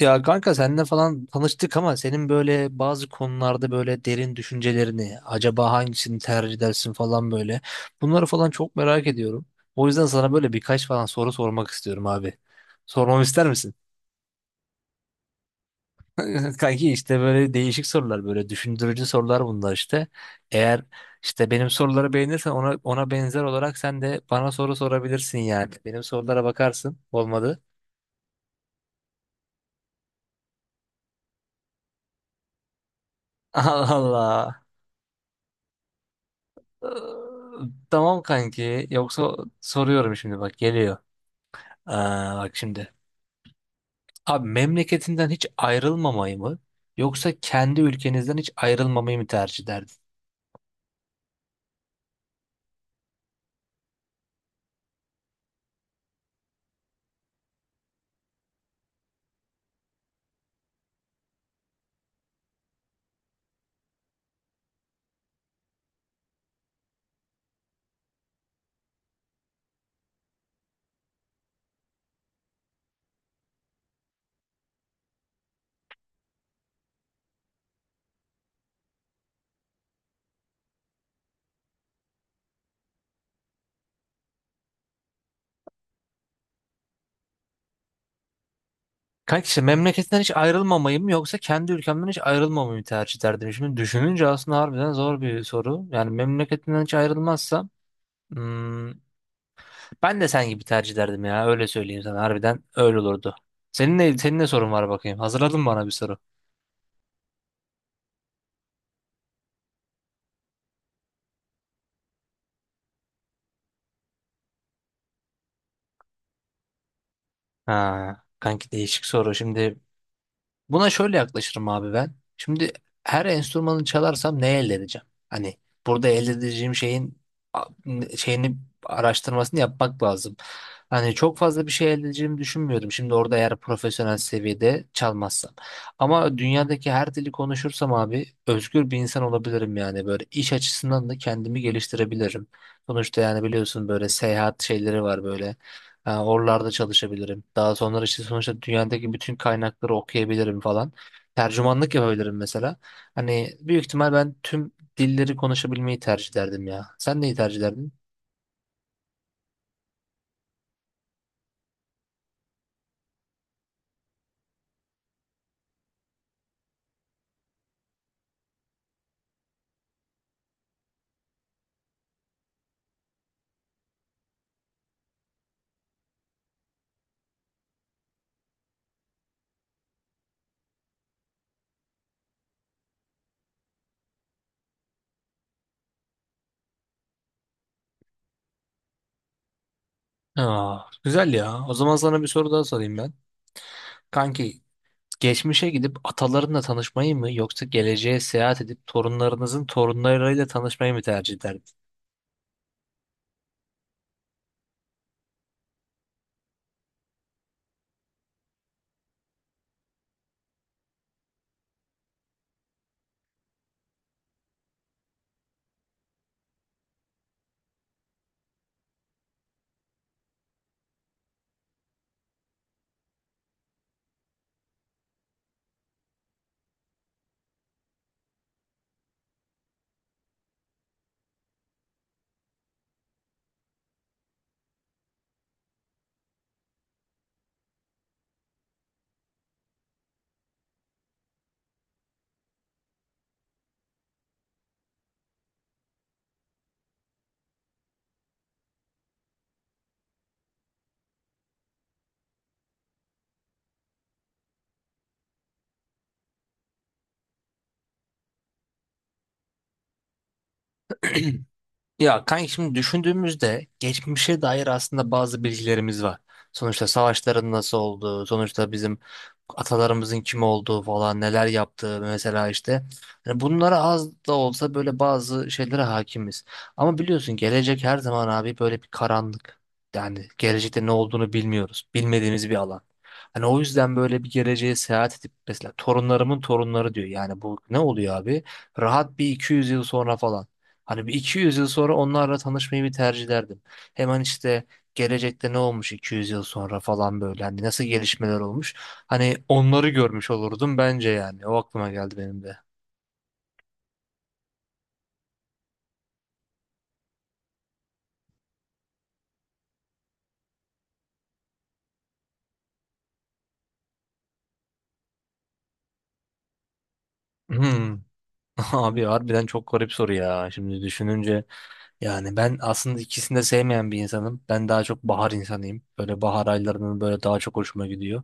Ya kanka seninle falan tanıştık ama senin böyle bazı konularda böyle derin düşüncelerini, acaba hangisini tercih edersin falan böyle. Bunları falan çok merak ediyorum. O yüzden sana böyle birkaç falan soru sormak istiyorum abi. Sormamı ister misin? Kanki işte böyle değişik sorular böyle düşündürücü sorular bunlar işte. Eğer işte benim soruları beğenirsen ona benzer olarak sen de bana soru sorabilirsin yani. Benim sorulara bakarsın. Olmadı. Allah Allah. Ee, Tamam kanki. Yoksa soruyorum şimdi bak geliyor. Aa, bak şimdi. Abi memleketinden hiç ayrılmamayı mı yoksa kendi ülkenizden hiç ayrılmamayı mı tercih ederdin? Kanki işte memleketinden hiç ayrılmamayı mı yoksa kendi ülkemden hiç ayrılmamayı mı tercih ederdim? Şimdi düşününce aslında harbiden zor bir soru. Yani memleketinden hiç ayrılmazsam hmm, ben de sen gibi tercih ederdim ya, öyle söyleyeyim sana, harbiden öyle olurdu. Senin ne sorun var bakayım? Hazırladın mı bana bir soru? Ha, kanki değişik soru. Şimdi buna şöyle yaklaşırım abi ben. Şimdi her enstrümanı çalarsam ne elde edeceğim? Hani burada elde edeceğim şeyin a- şeyini araştırmasını yapmak lazım. Hani çok fazla bir şey elde edeceğimi düşünmüyorum, şimdi orada eğer profesyonel seviyede çalmazsam. Ama dünyadaki her dili konuşursam abi özgür bir insan olabilirim yani. Böyle iş açısından da kendimi geliştirebilirim. Sonuçta yani biliyorsun böyle seyahat şeyleri var böyle. Ha, oralarda çalışabilirim. Daha sonra işte sonuçta dünyadaki bütün kaynakları okuyabilirim falan. Tercümanlık yapabilirim mesela. Hani büyük ihtimal ben tüm dilleri konuşabilmeyi tercih ederdim ya. Sen neyi tercih ederdin? Aa, güzel ya. O zaman sana bir soru daha sorayım ben. Kanki, geçmişe gidip atalarınla tanışmayı mı yoksa geleceğe seyahat edip torunlarınızın torunlarıyla tanışmayı mı tercih ederdin? Ya kanka, şimdi düşündüğümüzde geçmişe dair aslında bazı bilgilerimiz var. Sonuçta savaşların nasıl olduğu, sonuçta bizim atalarımızın kim olduğu falan, neler yaptığı mesela işte. Hani bunlara az da olsa, böyle bazı şeylere hakimiz. Ama biliyorsun gelecek her zaman abi böyle bir karanlık. Yani gelecekte ne olduğunu bilmiyoruz. Bilmediğimiz bir alan. Hani o yüzden böyle bir geleceğe seyahat edip, mesela torunlarımın torunları diyor. Yani bu ne oluyor abi? Rahat bir 200 yıl sonra falan. Hani bir 200 yıl sonra onlarla tanışmayı bir tercih ederdim. Hemen işte gelecekte ne olmuş 200 yıl sonra falan böyle. Hani nasıl gelişmeler olmuş. Hani onları görmüş olurdum bence yani. O aklıma geldi benim de. Hmm. Abi harbiden çok garip soru ya. Şimdi düşününce yani ben aslında ikisini de sevmeyen bir insanım. Ben daha çok bahar insanıyım. Böyle bahar aylarının böyle daha çok hoşuma gidiyor.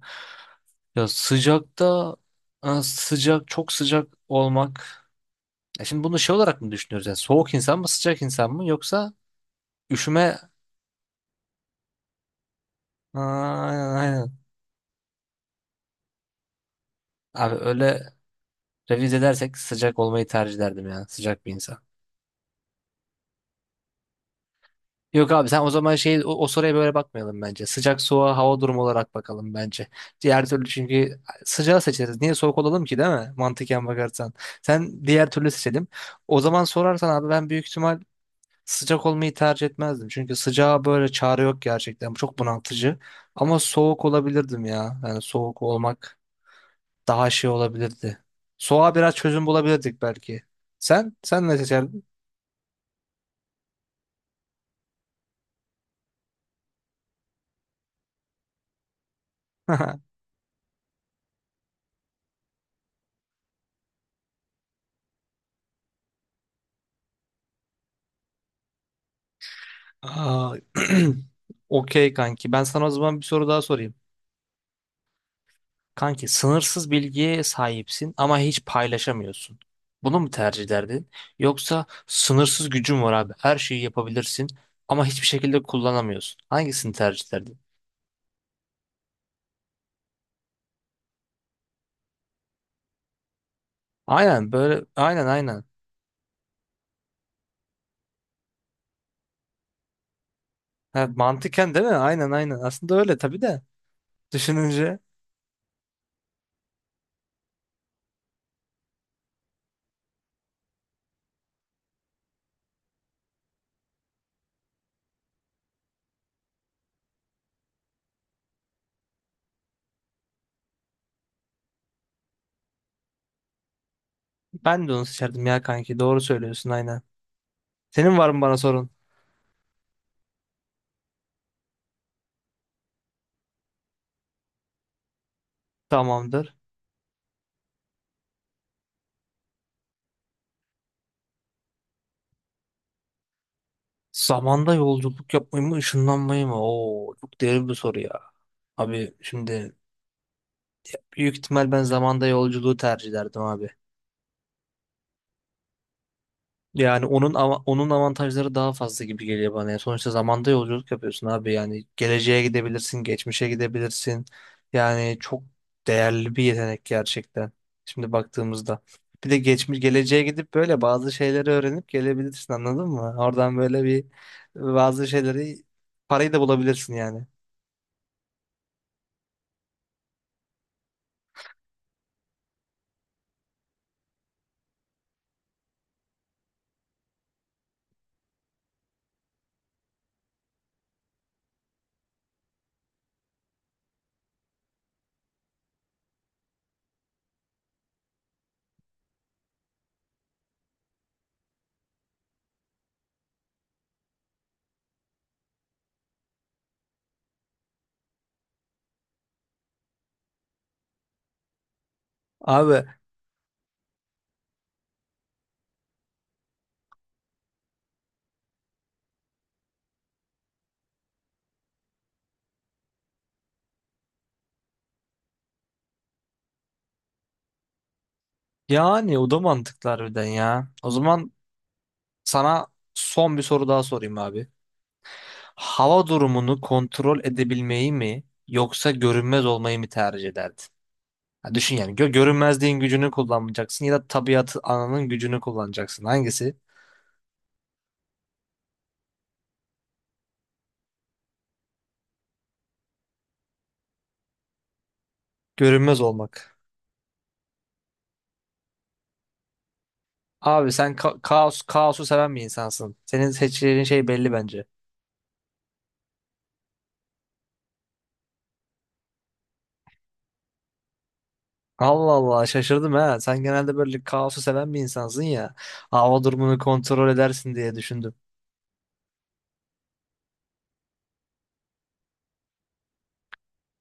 Ya sıcakta sıcak, çok sıcak olmak. Ya şimdi bunu şey olarak mı düşünüyoruz? Yani soğuk insan mı sıcak insan mı yoksa üşüme. Aa, aynen aynen. Abi öyle revize edersek sıcak olmayı tercih ederdim ya. Sıcak bir insan. Yok abi, sen o zaman şey o soruya böyle bakmayalım bence. Sıcak soğuğa hava durumu olarak bakalım bence. Diğer türlü çünkü sıcağı seçeriz. Niye soğuk olalım ki, değil mi? Mantıken bakarsan. Sen diğer türlü seçelim. O zaman sorarsan abi, ben büyük ihtimal sıcak olmayı tercih etmezdim. Çünkü sıcağa böyle çare yok gerçekten. Bu çok bunaltıcı. Ama soğuk olabilirdim ya. Yani soğuk olmak daha şey olabilirdi. Soğuğa biraz çözüm bulabilirdik belki. Sen? Sen ne seçerdin? Aa, okey kanki. Ben sana o zaman bir soru daha sorayım. Kanki, sınırsız bilgiye sahipsin ama hiç paylaşamıyorsun. Bunu mu tercih ederdin? Yoksa sınırsız gücün var abi. Her şeyi yapabilirsin ama hiçbir şekilde kullanamıyorsun. Hangisini tercih ederdin? Aynen, böyle aynen aynen. Ha, mantıken değil mi? Aynen aynen. Aslında öyle tabii de. Düşününce ben de onu seçerdim ya kanki. Doğru söylüyorsun, aynen. Senin var mı bana sorun? Tamamdır. Zamanda yolculuk yapmayı mı, ışınlanmayı mı? Oo, çok derin bir soru ya. Abi şimdi büyük ihtimal ben zamanda yolculuğu tercih ederdim abi. Yani onun avantajları daha fazla gibi geliyor bana. Yani sonuçta zamanda yolculuk yapıyorsun abi. Yani geleceğe gidebilirsin, geçmişe gidebilirsin. Yani çok değerli bir yetenek gerçekten. Şimdi baktığımızda. Bir de geçmiş geleceğe gidip böyle bazı şeyleri öğrenip gelebilirsin, anladın mı? Oradan böyle bir bazı şeyleri, parayı da bulabilirsin yani. Abi yani o da mantıklı harbiden ya. O zaman sana son bir soru daha sorayım abi. Hava durumunu kontrol edebilmeyi mi yoksa görünmez olmayı mı tercih ederdin? Ha, düşün yani, görünmezliğin gücünü kullanmayacaksın ya da tabiatı ananın gücünü kullanacaksın. Hangisi? Görünmez olmak. Abi sen kaosu seven bir insansın. Senin seçeceğin şey belli bence. Allah Allah, şaşırdım ha. Sen genelde böyle kaosu seven bir insansın ya. Hava durumunu kontrol edersin diye düşündüm.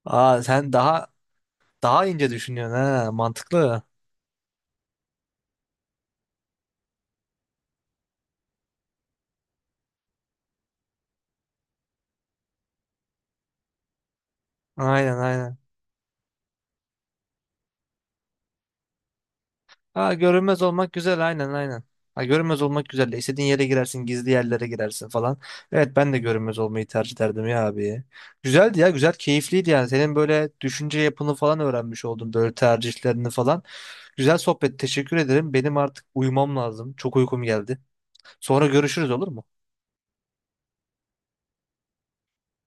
Aa, sen daha ince düşünüyorsun ha. Mantıklı. Aynen aynen. Ha, görünmez olmak güzel, aynen aynen. Ha, görünmez olmak güzel. İstediğin yere girersin, gizli yerlere girersin falan. Evet, ben de görünmez olmayı tercih ederdim ya abi. Güzeldi ya, güzel, keyifliydi yani. Senin böyle düşünce yapını falan öğrenmiş oldum, böyle tercihlerini falan. Güzel sohbet, teşekkür ederim. Benim artık uyumam lazım. Çok uykum geldi. Sonra görüşürüz, olur mu?